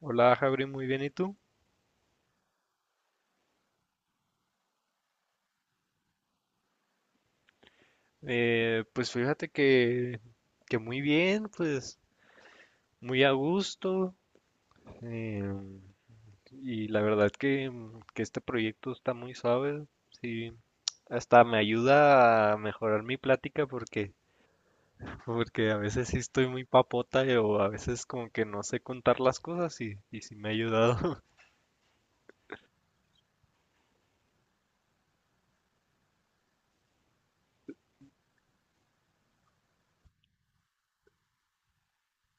Hola, Javi, muy bien, ¿y tú? Pues fíjate que muy bien, pues muy a gusto. eh, y la verdad que este proyecto está muy suave, sí. Hasta me ayuda a mejorar mi plática porque a veces sí estoy muy papota o a veces como que no sé contar las cosas y sí me ha ayudado.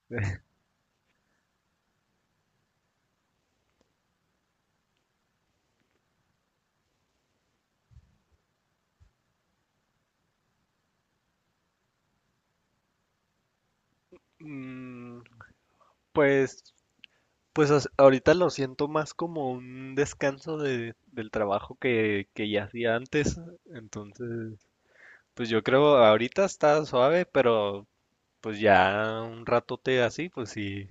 Mm, pues ahorita lo siento más como un descanso del trabajo que ya hacía antes. Entonces, pues yo creo ahorita está suave, pero pues ya un ratote así, pues sí,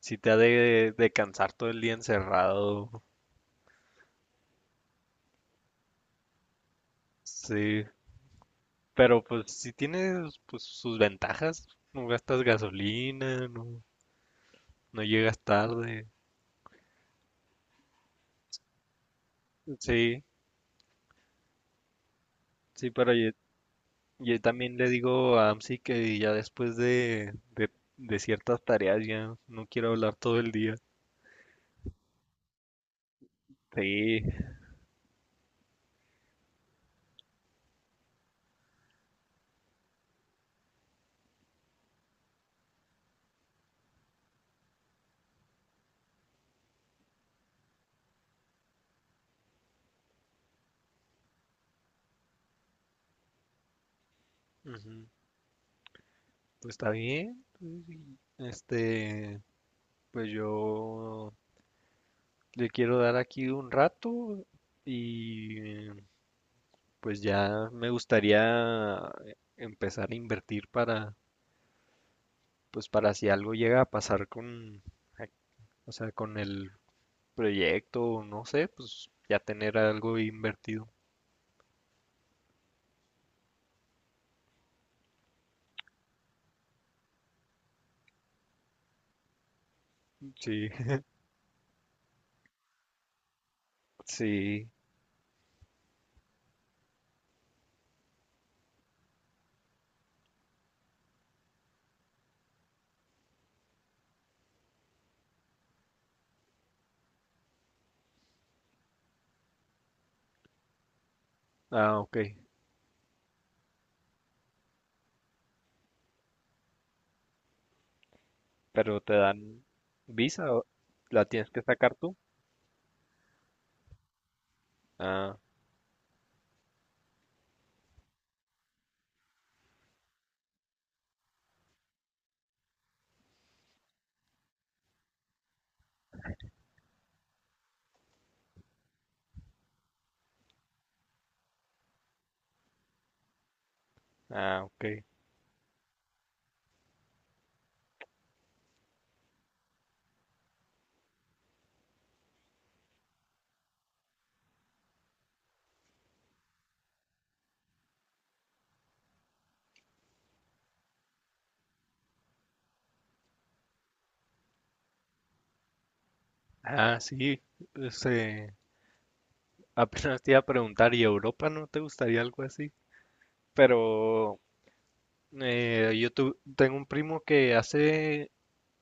sí te ha de cansar todo el día encerrado. Sí, pero pues sí tiene pues, sus ventajas. No gastas gasolina, no llegas tarde. Sí, sí, pero yo también le digo a Amsi que ya después de ciertas tareas ya no quiero hablar todo el día. Sí. Ujú. Pues está bien. Este, pues yo le quiero dar aquí un rato y pues ya me gustaría empezar a invertir para, pues para si algo llega a pasar con, ac- o sea, con el proyecto, no sé, pues ya tener algo invertido. Sí. Sí, ah, ok, pero te dan visa o la tienes que sacar tú. Ah, ah, ok. Ah, sí, este, apenas te iba a preguntar, ¿y Europa no te gustaría algo así? Pero yo tengo un primo que hace,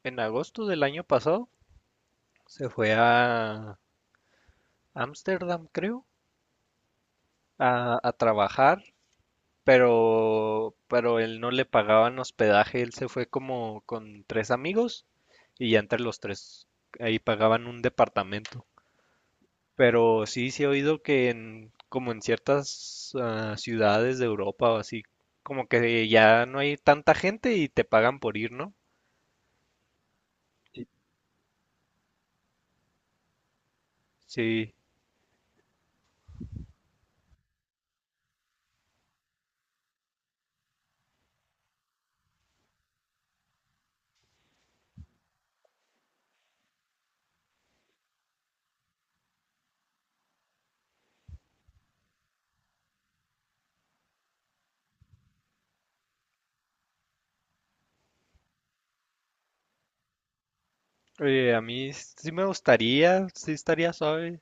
en agosto del año pasado, se fue a Ámsterdam, creo, a trabajar pero él no le pagaban hospedaje, él se fue como con tres amigos y ya entre los tres ahí pagaban un departamento. Pero sí, sí he oído que en, como en ciertas ciudades de Europa o así, como que ya no hay tanta gente y te pagan por ir, ¿no? Sí. Sí, oye, a mí sí me gustaría, sí estaría suave.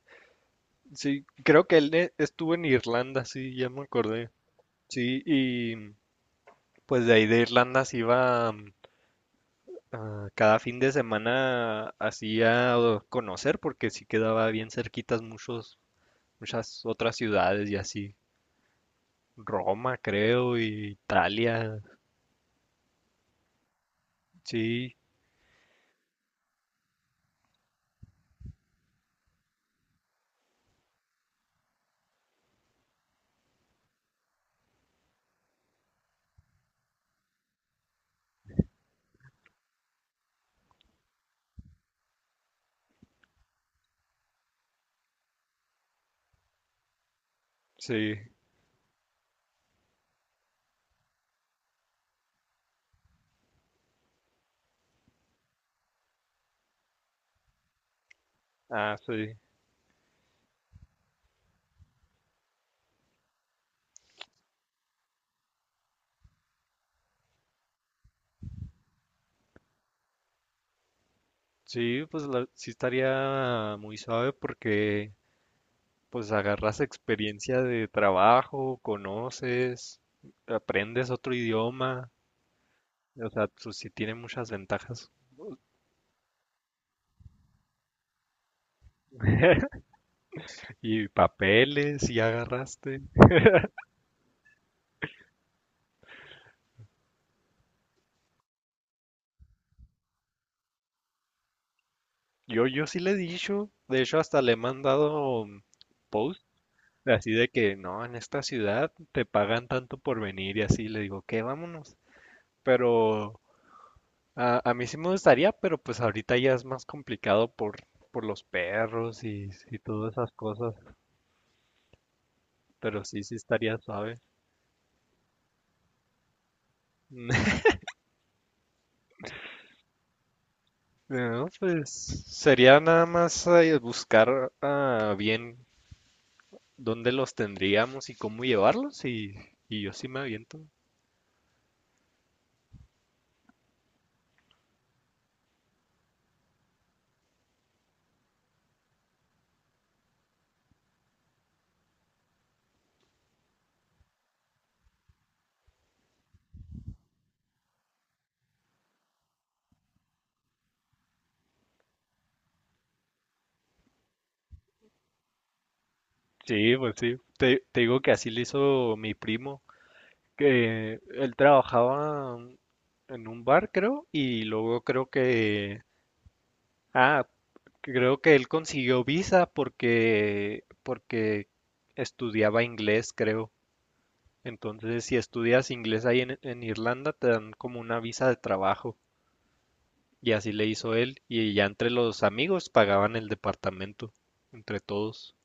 Sí, creo que él estuvo en Irlanda, sí, ya me acordé. Sí, y pues de ahí de Irlanda se iba a cada fin de semana así a conocer porque sí quedaba bien cerquitas muchos, muchas otras ciudades y así. Roma, creo, y Italia. Sí, sí. Ah, sí. Sí, sí estaría muy suave porque pues agarras experiencia de trabajo, conoces, aprendes otro idioma. O sea, pues sí tiene muchas ventajas. Y papeles, y agarraste. Yo sí le he dicho, de hecho hasta le he mandado post, así de que no, en esta ciudad te pagan tanto por venir y así, le digo, que vámonos. Pero a mí sí me gustaría, pero pues ahorita ya es más complicado por los perros y todas esas cosas, pero sí, sí estaría suave. No, pues sería nada más buscar bien dónde los tendríamos y cómo llevarlos y yo sí me aviento. Sí, pues sí. Te digo que así le hizo mi primo, que él trabajaba en un bar, creo, y luego creo ah, creo que él consiguió visa porque estudiaba inglés, creo. Entonces, si estudias inglés en Irlanda, te dan como una visa de trabajo. Y así le hizo él, y ya entre los amigos pagaban el departamento, entre todos.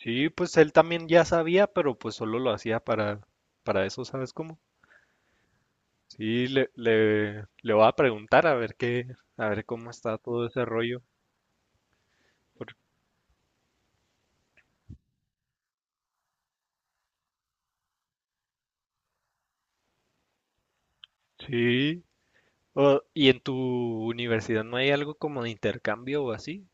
Sí, pues él también ya sabía, pero pues solo lo hacía para eso, ¿sabes cómo? Sí, le voy a preguntar a ver qué, a ver cómo está todo ese rollo. por- Sí. Oh, ¿y en tu universidad no hay algo como de intercambio o así?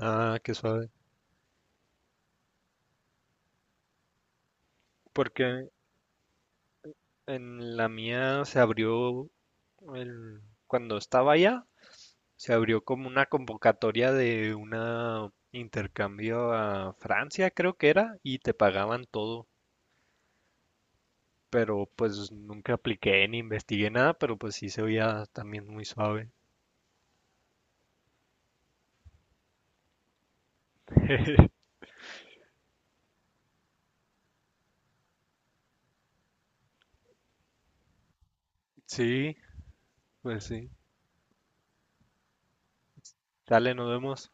Ah, qué suave. Porque en la mía se abrió el- cuando estaba allá, se abrió como una convocatoria de un intercambio a Francia, creo que era, y te pagaban todo. Pero pues nunca apliqué ni investigué nada, pero pues sí se veía también muy suave. Sí, pues sí. Dale, nos vemos.